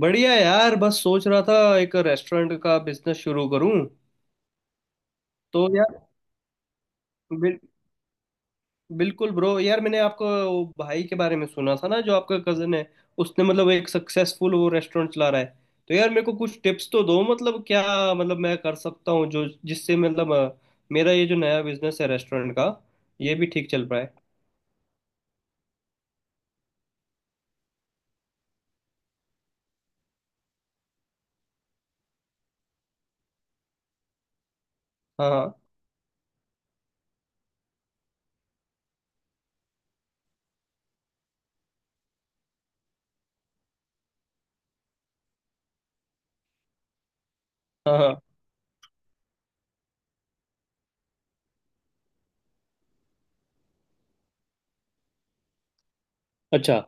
बढ़िया यार, बस सोच रहा था एक रेस्टोरेंट का बिजनेस शुरू करूं। तो यार बिल, बिल्कुल ब्रो, यार मैंने आपको वो भाई के बारे में सुना था ना जो आपका कजन है। उसने मतलब एक सक्सेसफुल वो रेस्टोरेंट चला रहा है। तो यार मेरे को कुछ टिप्स तो दो, मतलब क्या मतलब मैं कर सकता हूँ जो जिससे मतलब मेरा ये जो नया बिजनेस है रेस्टोरेंट का, ये भी ठीक चल पाए। हाँ हाँ। हाँ हाँ। अच्छा।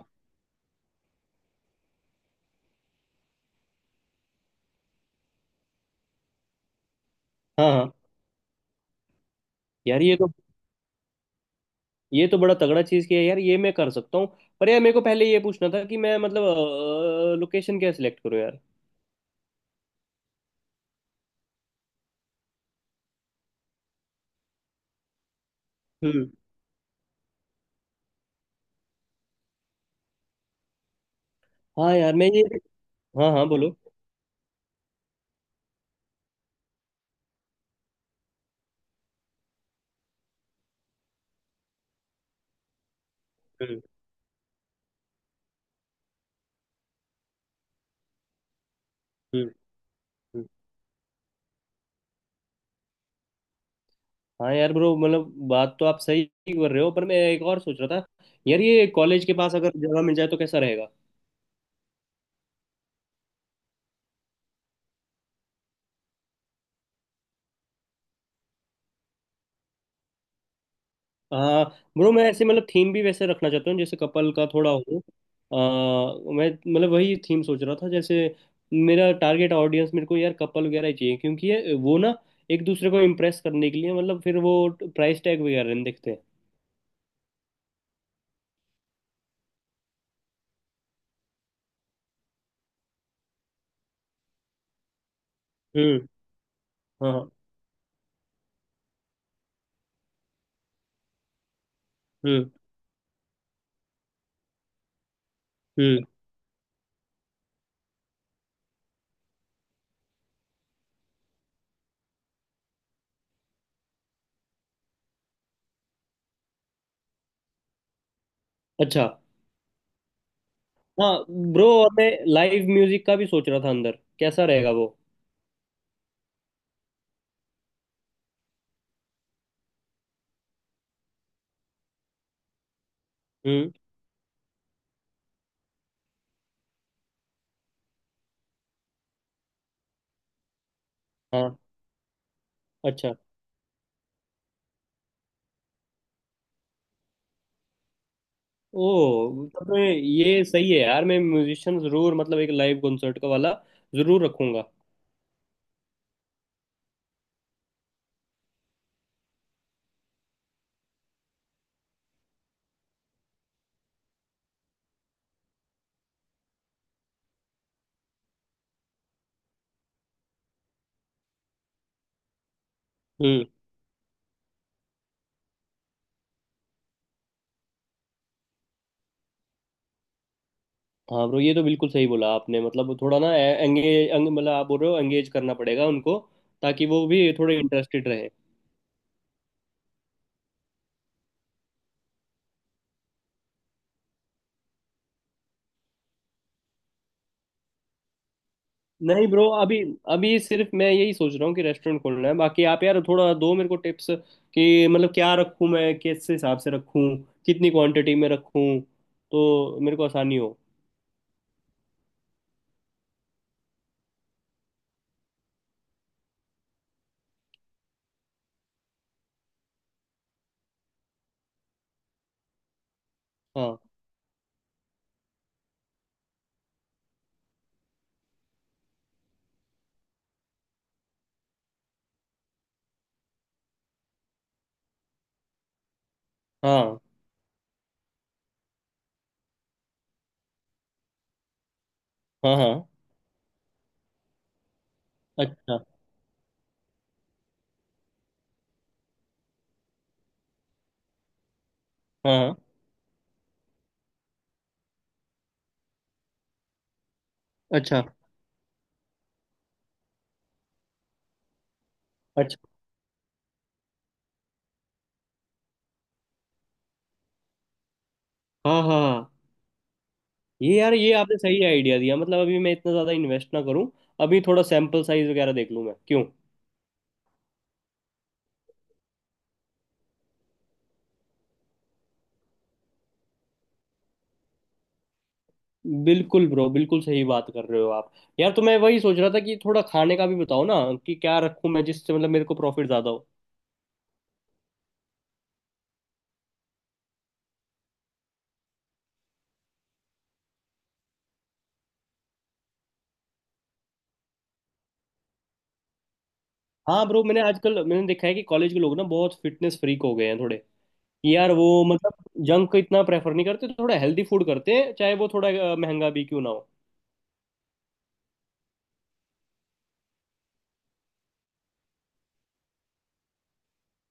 हाँ हाँ। यार ये तो, ये तो बड़ा तगड़ा चीज किया यार, ये मैं कर सकता हूँ। पर यार मेरे को पहले ये पूछना था कि मैं मतलब लोकेशन क्या सिलेक्ट करूँ यार। हम्म। हाँ यार मैं ये। हाँ हाँ, बोलो। हम्म। हम्म। हम्म। हाँ यार ब्रो, मतलब बात तो आप सही कर रहे हो, पर मैं एक और सोच रहा था यार, ये कॉलेज के पास अगर जगह मिल जाए तो कैसा रहेगा। हाँ ब्रो, मैं ऐसे मतलब थीम भी वैसे रखना चाहता हूँ जैसे कपल का थोड़ा हो। आ, मैं मतलब वही थीम सोच रहा था। जैसे मेरा टारगेट ऑडियंस, मेरे को यार कपल वगैरह ही चाहिए क्योंकि वो ना एक दूसरे को इम्प्रेस करने के लिए, मतलब फिर वो प्राइस टैग वगैरह नहीं देखते। हम्म। हाँ हाँ। हम्म। हम्म। अच्छा। हाँ ब्रो, और मैं लाइव म्यूजिक का भी सोच रहा था अंदर, कैसा रहेगा वो। हम्म। हाँ। अच्छा। ओ, तब तो ये सही है यार। मैं म्यूजिशियन जरूर, मतलब एक लाइव कॉन्सर्ट का वाला जरूर रखूंगा। हम्म। हाँ ब्रो, ये तो बिल्कुल सही बोला आपने, मतलब थोड़ा ना एंगेज मतलब आप बोल रहे हो एंगेज करना पड़ेगा उनको, ताकि वो भी थोड़े इंटरेस्टेड रहे। नहीं ब्रो, अभी अभी सिर्फ मैं यही सोच रहा हूँ कि रेस्टोरेंट खोलना है। बाकी आप यार थोड़ा दो मेरे को टिप्स कि मतलब क्या रखूँ मैं, किस हिसाब से रखूँ, कितनी क्वांटिटी में रखूँ, तो मेरे को आसानी हो। हाँ हाँ हाँ हाँ। अच्छा। हाँ हाँ। अच्छा। अच्छा। हाँ हाँ हाँ। ये यार, ये आपने सही आइडिया दिया मतलब अभी मैं इतना ज़्यादा इन्वेस्ट ना करूं, अभी थोड़ा सैंपल साइज वगैरह देख लूं मैं क्यों। बिल्कुल ब्रो, बिल्कुल सही बात कर रहे हो आप। यार तो मैं वही सोच रहा था कि थोड़ा खाने का भी बताओ ना, कि क्या रखूं मैं जिससे मतलब मेरे को प्रॉफिट ज़्यादा हो। हाँ ब्रो, मैंने आजकल मैंने देखा है कि कॉलेज के लोग ना बहुत फिटनेस फ्रीक हो गए हैं थोड़े। कि यार वो मतलब जंक इतना प्रेफर नहीं करते, थोड़ा हेल्दी फूड करते हैं, चाहे वो थोड़ा महंगा भी क्यों ना हो।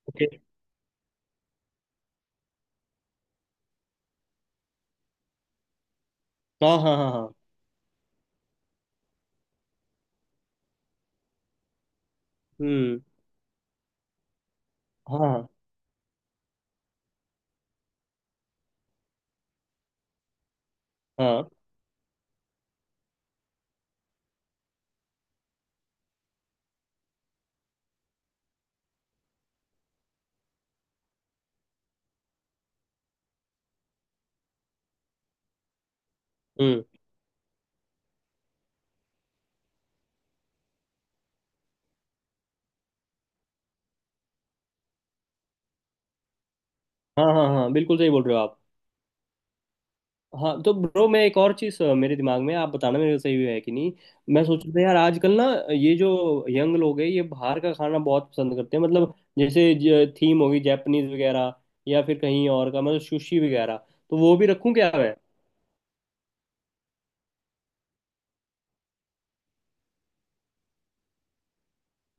ओके। हाँ हाँ हाँ हाँ। हम्म। हाँ हाँ हाँ। हम्म। हाँ हाँ हाँ, बिल्कुल सही बोल रहे हो आप। हाँ तो ब्रो, मैं एक और चीज़ मेरे दिमाग में, आप बताना मेरे को सही है कि नहीं। मैं सोच रहा था यार आजकल ना, ये जो यंग लोग हैं ये बाहर का खाना बहुत पसंद करते हैं, मतलब जैसे थीम होगी जापानीज वगैरह, या फिर कहीं और का, मतलब सुशी वगैरह, तो वो भी रखूं क्या मैं।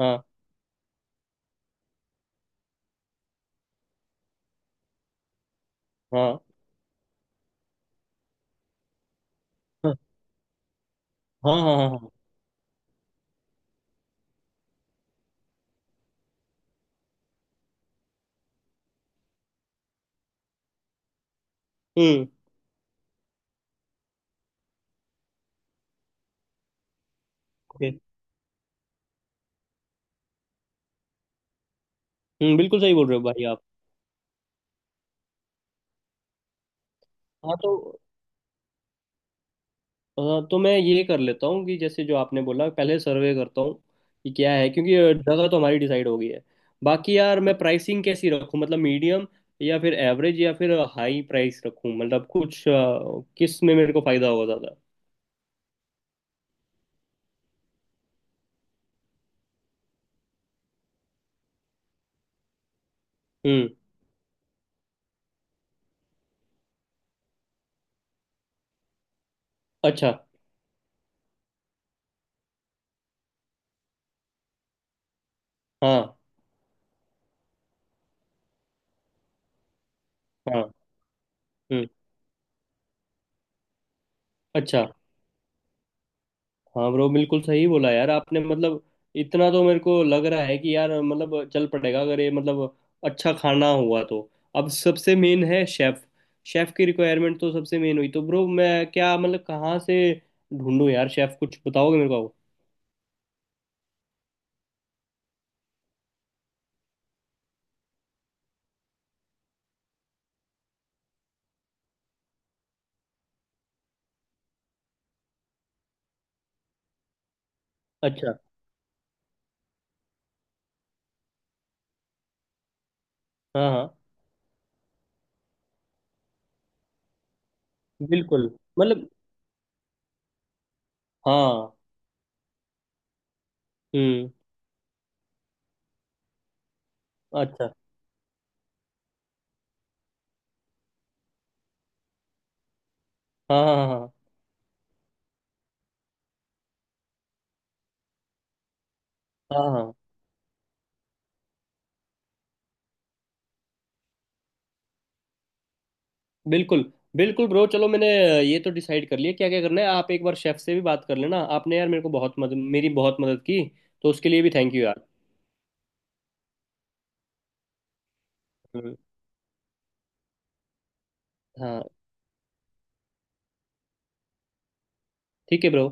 हाँ हाँ हाँ हाँ। हाँ हाँ हाँ। हम्म। okay, हम्म, बिल्कुल सही बोल रहे हो भाई आप। हाँ तो, हाँ तो मैं ये कर लेता हूँ कि जैसे जो आपने बोला पहले सर्वे करता हूँ कि क्या है, क्योंकि जगह तो हमारी डिसाइड हो गई है। बाकी यार मैं प्राइसिंग कैसी रखूँ, मतलब मीडियम या फिर एवरेज या फिर हाई प्राइस रखूँ, मतलब कुछ किस में मेरे को फायदा होगा ज़्यादा। हम्म। अच्छा। हाँ हाँ। हम्म। अच्छा। हाँ ब्रो, बिल्कुल सही बोला यार आपने, मतलब इतना तो मेरे को लग रहा है कि यार मतलब चल पड़ेगा, अगर ये मतलब अच्छा खाना हुआ तो। अब सबसे मेन है शेफ, शेफ की रिक्वायरमेंट तो सबसे मेन हुई। तो ब्रो मैं क्या मतलब कहाँ से ढूंढूं यार शेफ, कुछ बताओगे मेरे को। अच्छा। हाँ हाँ। बिल्कुल। मतलब हाँ। हम्म। अच्छा। हाँ हाँ हाँ हाँ। हाँ हाँ। बिल्कुल, बिल्कुल ब्रो। चलो मैंने ये तो डिसाइड कर लिया क्या क्या करना है। आप एक बार शेफ से भी बात कर लेना। आपने यार मेरे को बहुत मदद, मेरी बहुत मदद की, तो उसके लिए भी थैंक यू यार। हम्म। हाँ। ठीक है ब्रो।